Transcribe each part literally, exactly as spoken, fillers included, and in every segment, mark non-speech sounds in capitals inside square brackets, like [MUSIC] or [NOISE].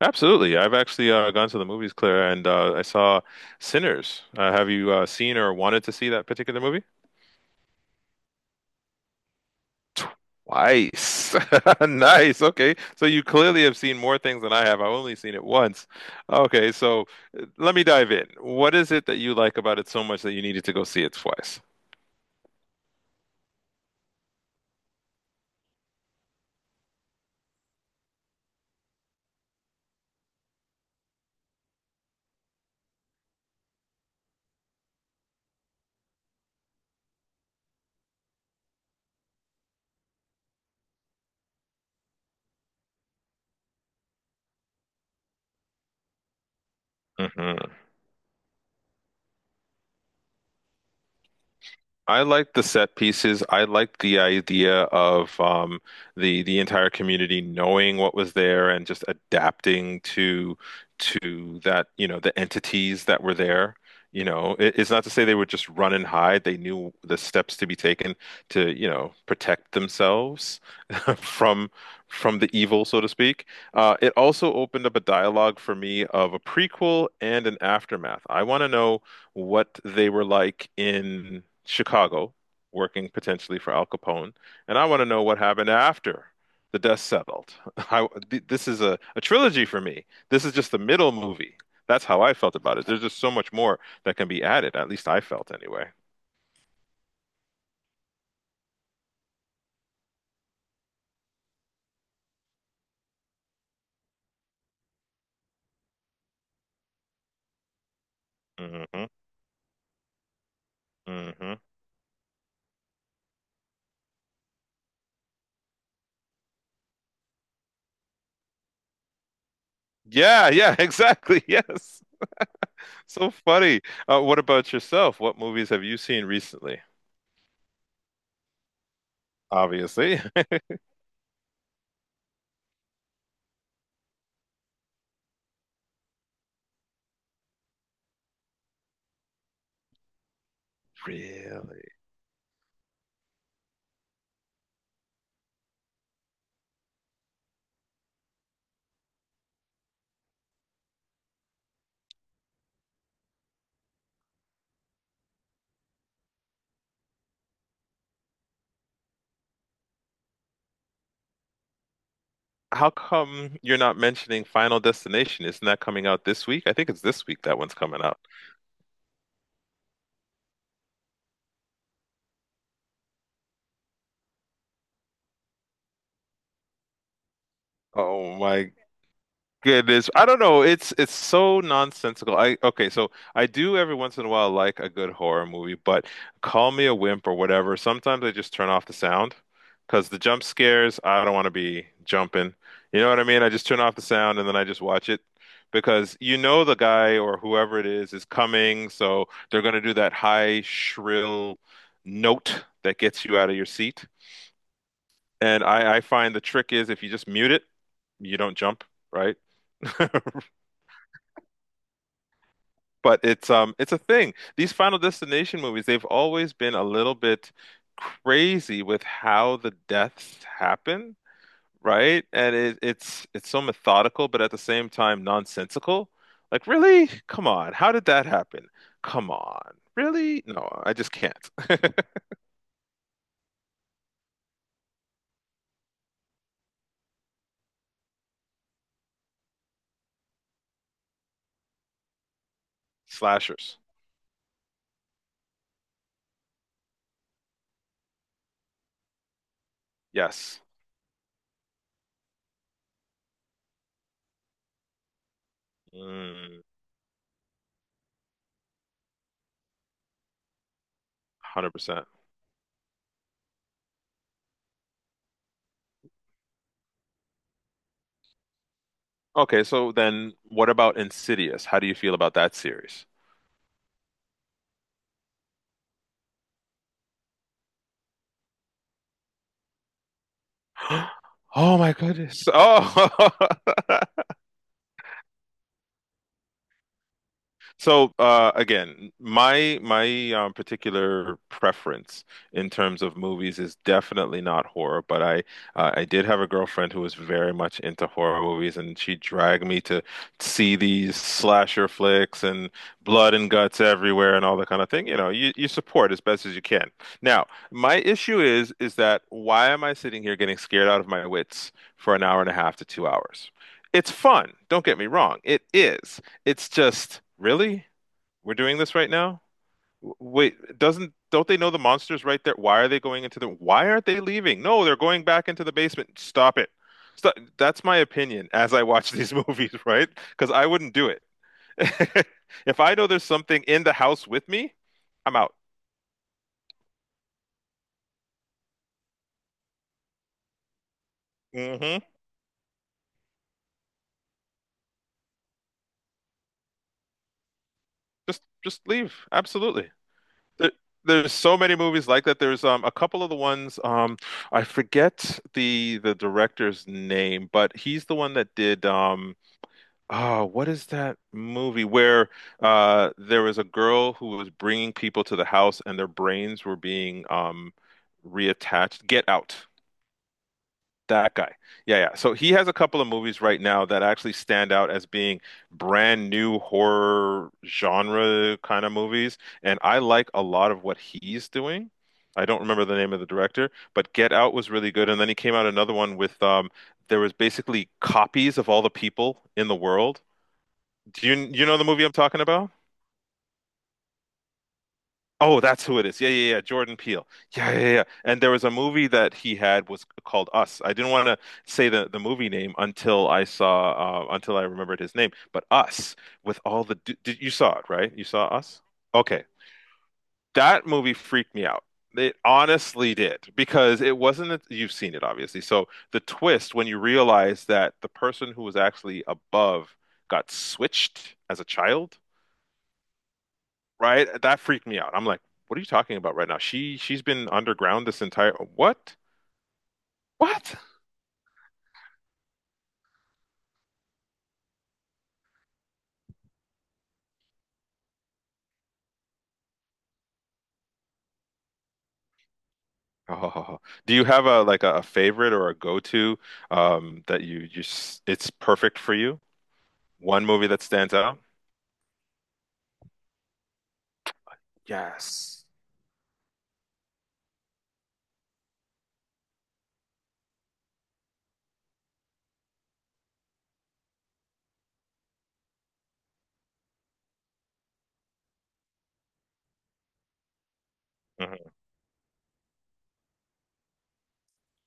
Absolutely. I've actually uh, gone to the movies, Claire, and uh, I saw Sinners. Uh, have you uh, seen or wanted to see that particular movie? Nice. [LAUGHS] Nice. Okay. So you clearly have seen more things than I have. I've only seen it once. Okay. So uh, let me dive in. What is it that you like about it so much that you needed to go see it twice? Mm-hmm. I like the set pieces. I like the idea of um, the the entire community knowing what was there and just adapting to to that, you know, the entities that were there. You know, it, it's not to say they would just run and hide. They knew the steps to be taken to, you know, protect themselves. [LAUGHS] from from the evil, so to speak. Uh, it also opened up a dialogue for me of a prequel and an aftermath. I want to know what they were like in Chicago, working potentially for Al Capone, and I want to know what happened after the dust settled. [LAUGHS] I, th- this is a, a trilogy for me. This is just the middle movie. That's how I felt about it. There's just so much more that can be added. At least I felt anyway. Hmm. Hmm. Yeah, yeah, [LAUGHS] exactly. Yes. So funny. Uh, what about yourself? What movies have you seen recently? Obviously. [LAUGHS] Really? How come you're not mentioning Final Destination? Isn't that coming out this week? I think it's this week that one's coming out. Oh my goodness. I don't know. It's it's so nonsensical. I okay, so I do every once in a while like a good horror movie, but call me a wimp or whatever. Sometimes I just turn off the sound because the jump scares, I don't want to be jumping. You know what I mean? I just turn off the sound and then I just watch it because you know the guy or whoever it is is coming, so they're going to do that high shrill note that gets you out of your seat. And I, I find the trick is if you just mute it, you don't jump, right? [LAUGHS] But it's um it's a thing. These Final Destination movies, they've always been a little bit crazy with how the deaths happen, right? And it, it's it's so methodical, but at the same time nonsensical. Like, really? Come on. How did that happen? Come on. Really? No, I just can't. [LAUGHS] Slashers. Yes. Mm, one hundred percent. Okay, so then what about Insidious? How do you feel about that series? [GASPS] Oh my goodness. Oh. [LAUGHS] So uh, again, my my um, particular preference in terms of movies is definitely not horror, but I uh, I did have a girlfriend who was very much into horror movies, and she dragged me to see these slasher flicks and blood and guts everywhere and all that kind of thing. You know, you, you support as best as you can. Now, my issue is is that why am I sitting here getting scared out of my wits for an hour and a half to two hours? It's fun, don't get me wrong. It is. It's just, really? We're doing this right now? W- Wait, doesn't don't they know the monster's right there? Why are they going into the why aren't they leaving? No, they're going back into the basement. Stop it. Stop. That's my opinion as I watch these [LAUGHS] movies, right? Because I wouldn't do it. [LAUGHS] If I know there's something in the house with me, I'm out. Hmm. Just just leave. Absolutely. There, there's so many movies like that. There's um a couple of the ones um I forget the the director's name, but he's the one that did um oh, what is that movie where uh there was a girl who was bringing people to the house and their brains were being um reattached? Get Out. That guy. Yeah, yeah. So he has a couple of movies right now that actually stand out as being brand new horror genre kind of movies, and I like a lot of what he's doing. I don't remember the name of the director, but Get Out was really good, and then he came out another one with um there was basically copies of all the people in the world do you you know the movie I'm talking about? Oh, that's who it is. Yeah, yeah, yeah. Jordan Peele. Yeah, yeah, yeah. And there was a movie that he had was called Us. I didn't want to say the, the movie name until I saw uh, until I remembered his name. But Us with all the d did, you saw it, right? You saw Us? Okay. That movie freaked me out. It honestly did because it wasn't a, you've seen it obviously. So the twist when you realize that the person who was actually above got switched as a child right? That freaked me out. I'm like, what are you talking about right now? She she's been underground this entire what? What? [LAUGHS] Oh, do you have a like a, a favorite or a go-to um that you you s- it's perfect for you? One movie that stands out? Yes.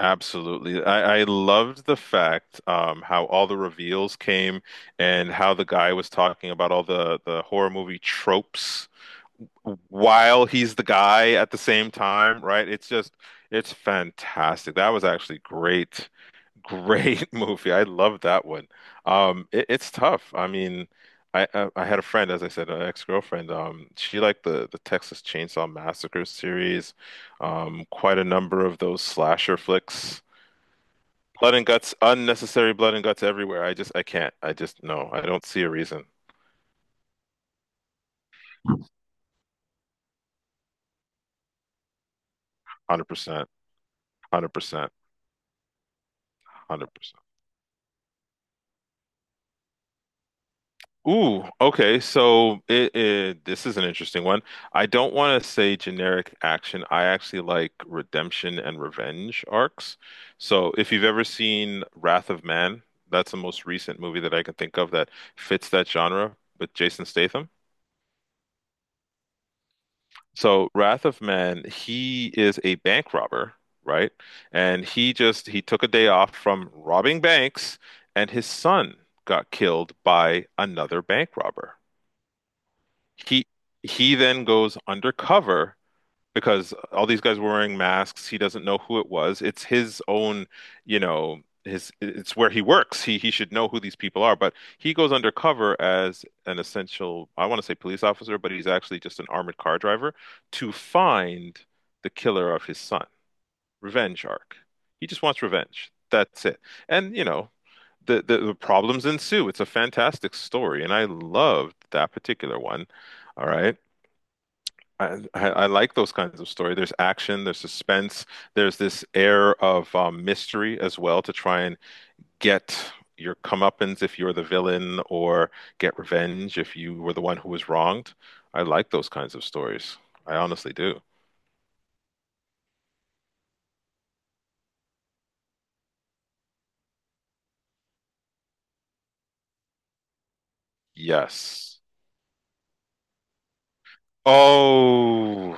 Absolutely. I, I loved the fact um, how all the reveals came and how the guy was talking about all the, the horror movie tropes while he's the guy at the same time, right? It's just, it's fantastic. That was actually great, great [LAUGHS] movie. I love that one. Um, it, it's tough. I mean, I, I I had a friend, as I said, an ex-girlfriend. Um, she liked the the Texas Chainsaw Massacre series, um, quite a number of those slasher flicks. Blood and guts, unnecessary blood and guts everywhere. I just, I can't. I just, no, I don't see a reason. one hundred percent, one hundred percent, one hundred percent. Ooh, okay. So it, it this is an interesting one. I don't want to say generic action. I actually like redemption and revenge arcs. So if you've ever seen Wrath of Man, that's the most recent movie that I can think of that fits that genre with Jason Statham. So Wrath of Man, he is a bank robber, right? And he just he took a day off from robbing banks, and his son got killed by another bank robber. He he then goes undercover because all these guys were wearing masks. He doesn't know who it was. It's his own, you know, his it's where he works. He he should know who these people are, but he goes undercover as an essential, I want to say police officer, but he's actually just an armored car driver to find the killer of his son. Revenge arc. He just wants revenge. That's it. And you know, the the, the problems ensue. It's a fantastic story, and I loved that particular one. All right. I, I I like those kinds of story. There's action, there's suspense, there's this air of um, mystery as well to try and get your comeuppance if you're the villain, or get revenge if you were the one who was wronged. I like those kinds of stories. I honestly do. Yes. Oh,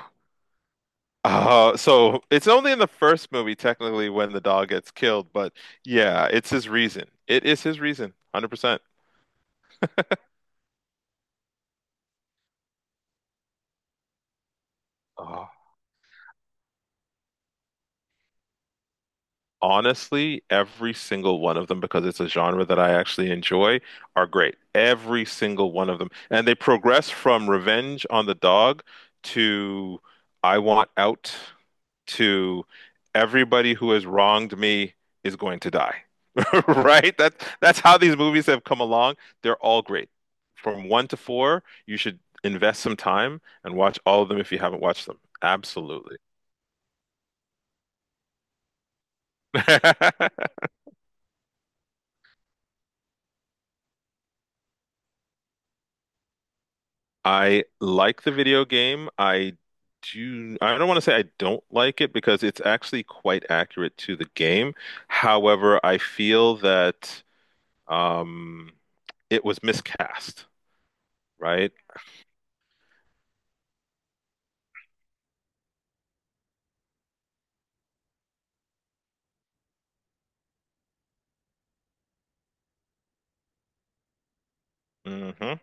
uh, so it's only in the first movie technically when the dog gets killed, but yeah, it's his reason. It is his reason, one hundred percent. Honestly, every single one of them, because it's a genre that I actually enjoy, are great. Every single one of them. And they progress from Revenge on the Dog to I Want Out to everybody who has wronged me is going to die. [LAUGHS] Right? That that's how these movies have come along. They're all great. From one to four, you should invest some time and watch all of them if you haven't watched them. Absolutely. [LAUGHS] I like the video game. I do, I don't want to say I don't like it because it's actually quite accurate to the game. However, I feel that um, it was miscast, right? Hmm.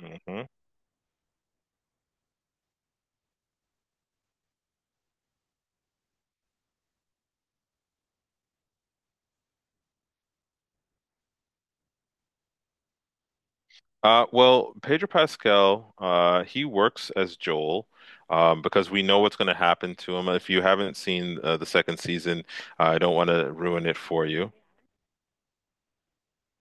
Hmm. Uh, well, Pedro Pascal, uh, he works as Joel um, because we know what's going to happen to him. If you haven't seen uh, the second season, I don't want to ruin it for you.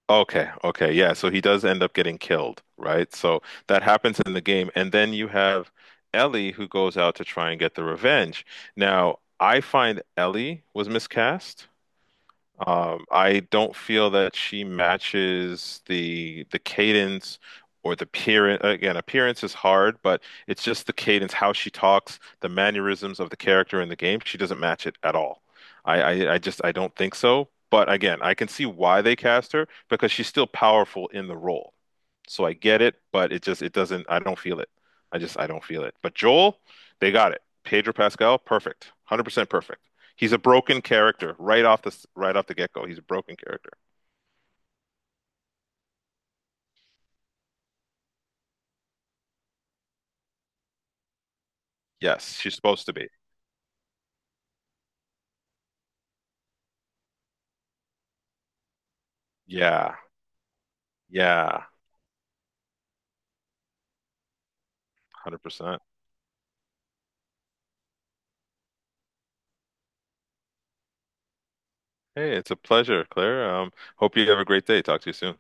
Okay, okay, yeah. So he does end up getting killed, right? So that happens in the game. And then you have Ellie who goes out to try and get the revenge. Now, I find Ellie was miscast. Um, I don't feel that she matches the the cadence or the appearance. Again, appearance is hard, but it's just the cadence, how she talks, the mannerisms of the character in the game. She doesn't match it at all. I, I, I just I don't think so. But again, I can see why they cast her because she's still powerful in the role. So I get it, but it just it doesn't. I don't feel it. I just I don't feel it. But Joel, they got it. Pedro Pascal, perfect, one hundred percent perfect. He's a broken character right off the right off the get-go. He's a broken character. Yes, she's supposed to be. Yeah. Yeah. one hundred percent. Hey, it's a pleasure, Claire. Um, hope you have a great day. Talk to you soon.